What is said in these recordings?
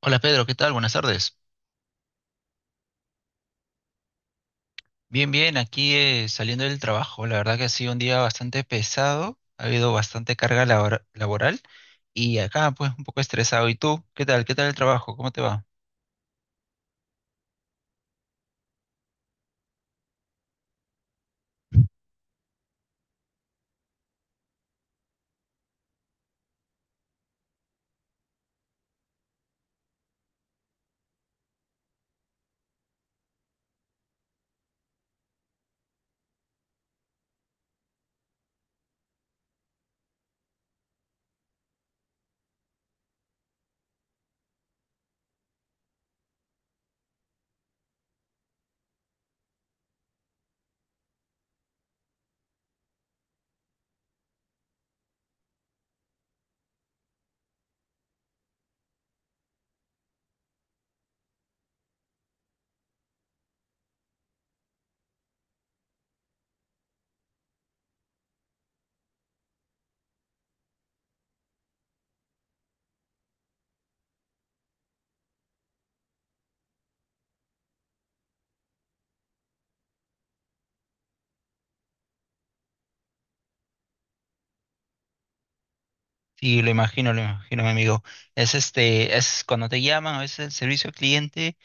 Hola Pedro, ¿qué tal? Buenas tardes. Bien, bien, aquí saliendo del trabajo. La verdad que ha sido un día bastante pesado, ha habido bastante carga laboral y acá pues un poco estresado. ¿Y tú? ¿Qué tal? ¿Qué tal el trabajo? ¿Cómo te va? Sí, lo imagino, mi amigo. Es este, es cuando te llaman a veces el servicio al cliente.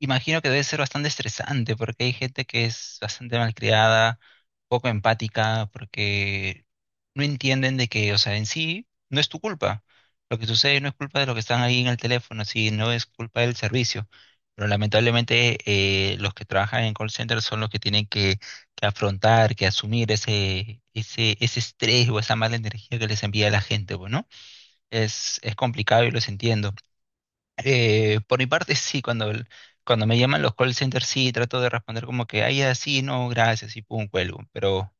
Imagino que debe ser bastante estresante porque hay gente que es bastante malcriada, poco empática, porque no entienden de que, o sea, en sí no es tu culpa. Lo que sucede no es culpa de los que están ahí en el teléfono, sí, no es culpa del servicio. Pero lamentablemente los que trabajan en call center son los que tienen que afrontar, que asumir ese ese, estrés o esa mala energía que les envía la gente, pues, ¿no? Es complicado y los entiendo. Por mi parte, sí, cuando, cuando me llaman los call centers, sí, trato de responder como que, ay, así, no, gracias, y pum, cuelgo. Pero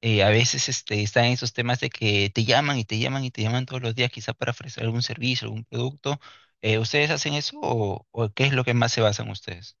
a veces este, están esos temas de que te llaman y te llaman y te llaman todos los días, quizá para ofrecer algún servicio, algún producto. ¿Ustedes hacen eso o qué es lo que más se basan ustedes?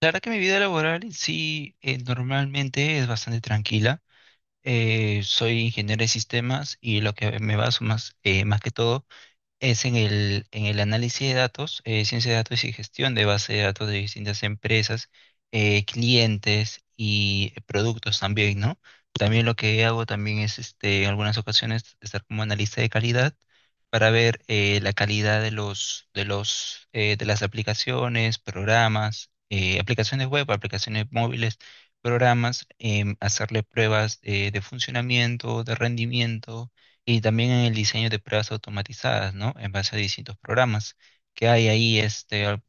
La verdad que mi vida laboral sí, normalmente es bastante tranquila. Soy ingeniero de sistemas y lo que me baso más, más que todo es en el análisis de datos, ciencia de datos y gestión de base de datos de distintas empresas, clientes y productos también, ¿no? También lo que hago también es, este, en algunas ocasiones, estar como analista de calidad para ver la calidad de los, de las aplicaciones, programas, aplicaciones web, aplicaciones móviles, programas, hacerle pruebas de funcionamiento, de rendimiento y también en el diseño de pruebas automatizadas, ¿no? En base a distintos programas que hay ahí, este,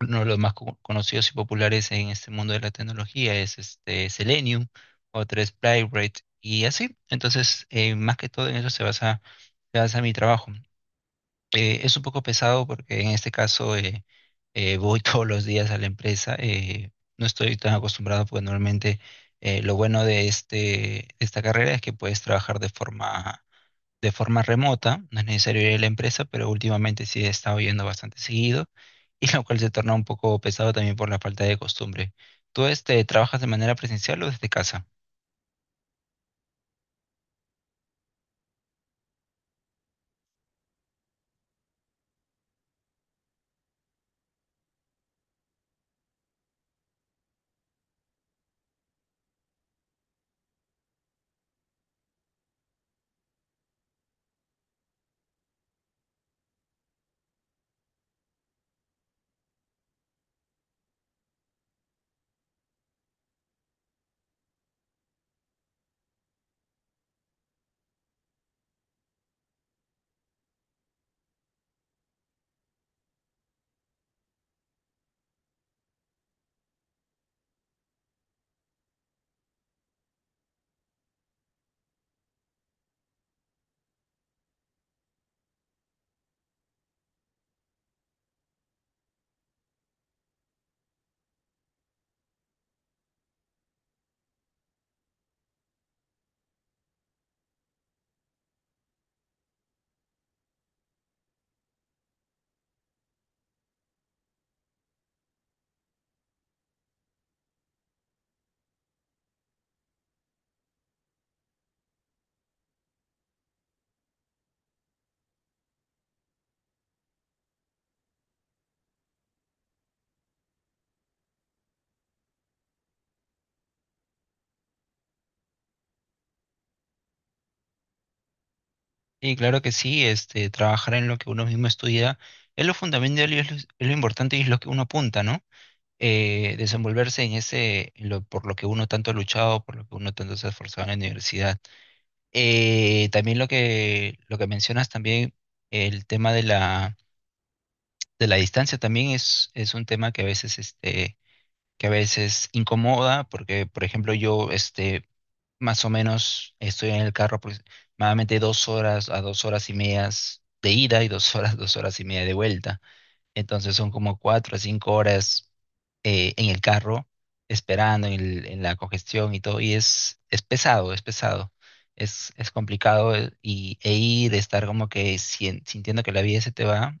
uno de los más conocidos y populares en este mundo de la tecnología es este Selenium, otro es Playwright y así. Entonces, más que todo en eso se basa mi trabajo. Es un poco pesado porque en este caso voy todos los días a la empresa. No estoy tan acostumbrado porque normalmente lo bueno de este, esta carrera es que puedes trabajar de forma remota, no es necesario ir a la empresa, pero últimamente sí he estado yendo bastante seguido, y lo cual se torna un poco pesado también por la falta de costumbre. ¿Tú este, trabajas de manera presencial o desde casa? Y claro que sí, este, trabajar en lo que uno mismo estudia es lo fundamental y es lo importante y es lo que uno apunta, ¿no? Desenvolverse en ese, en lo, por lo que uno tanto ha luchado, por lo que uno tanto se ha esforzado en la universidad. También lo que mencionas también, el tema de la distancia también es un tema que a veces, este, que a veces incomoda, porque, por ejemplo, yo, este, más o menos estoy en el carro pues, aproximadamente dos horas a dos horas y medias de ida y dos horas, dos horas y media de vuelta. Entonces son como cuatro a cinco horas en el carro, esperando en, la congestión y todo, y es pesado, es pesado. Es complicado y, e ir, estar como que sintiendo que la vida se te va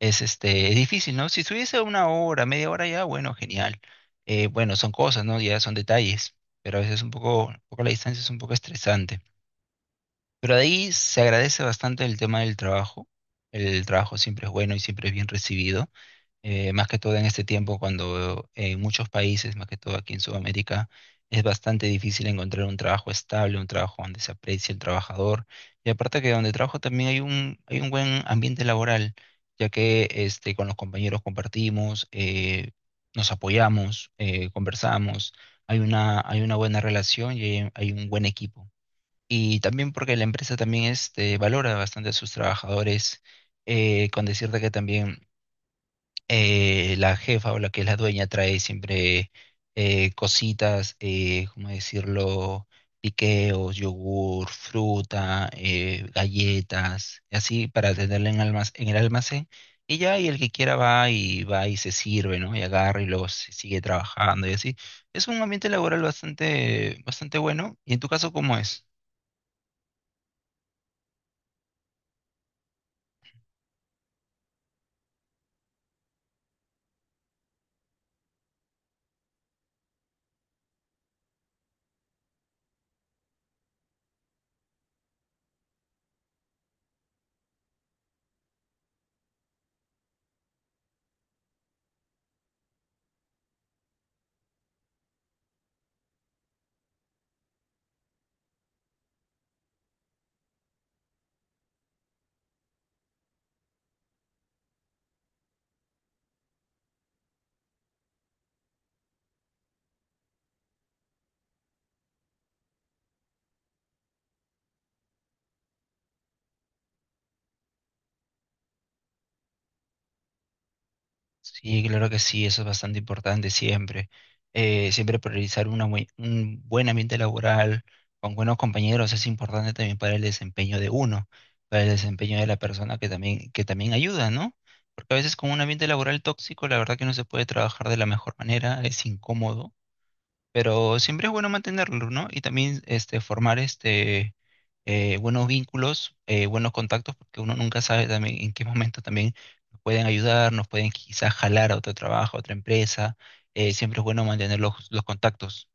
es este, es difícil, ¿no? Si estuviese una hora, media hora ya, bueno, genial. Bueno, son cosas, ¿no? Ya son detalles, pero a veces un poco la distancia es un poco estresante. Pero de ahí se agradece bastante el tema del trabajo. El trabajo siempre es bueno y siempre es bien recibido más que todo en este tiempo cuando en muchos países, más que todo aquí en Sudamérica, es bastante difícil encontrar un trabajo estable, un trabajo donde se aprecie el trabajador. Y aparte que donde trabajo también hay un buen ambiente laboral, ya que este, con los compañeros compartimos, nos apoyamos, conversamos, hay una buena relación y hay un buen equipo. Y también porque la empresa también este, valora bastante a sus trabajadores, con decirte que también la jefa o la que es la dueña trae siempre cositas, ¿cómo decirlo? Piqueos, yogur, fruta, galletas, y así para tenerla en, en el almacén. Y ya, y el que quiera va y va y se sirve, ¿no? Y agarra y luego se sigue trabajando y así. Es un ambiente laboral bastante, bastante bueno. ¿Y en tu caso cómo es? Sí, claro que sí, eso es bastante importante siempre. Siempre priorizar una un buen ambiente laboral con buenos compañeros es importante también para el desempeño de uno, para el desempeño de la persona que también ayuda, ¿no? Porque a veces con un ambiente laboral tóxico, la verdad que no se puede trabajar de la mejor manera, es incómodo. Pero siempre es bueno mantenerlo, ¿no? Y también este, formar este, buenos vínculos, buenos contactos, porque uno nunca sabe también en qué momento también nos pueden ayudar, nos pueden quizás jalar a otro trabajo, a otra empresa. Siempre es bueno mantener los contactos.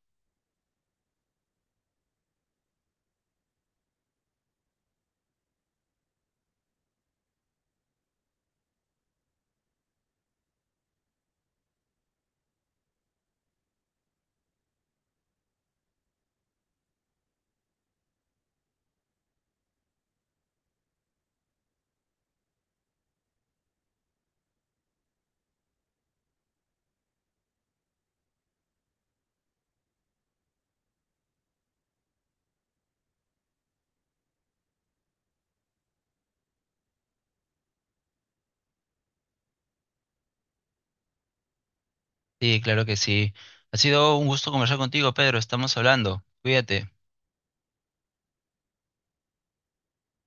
Sí, claro que sí. Ha sido un gusto conversar contigo, Pedro. Estamos hablando. Cuídate.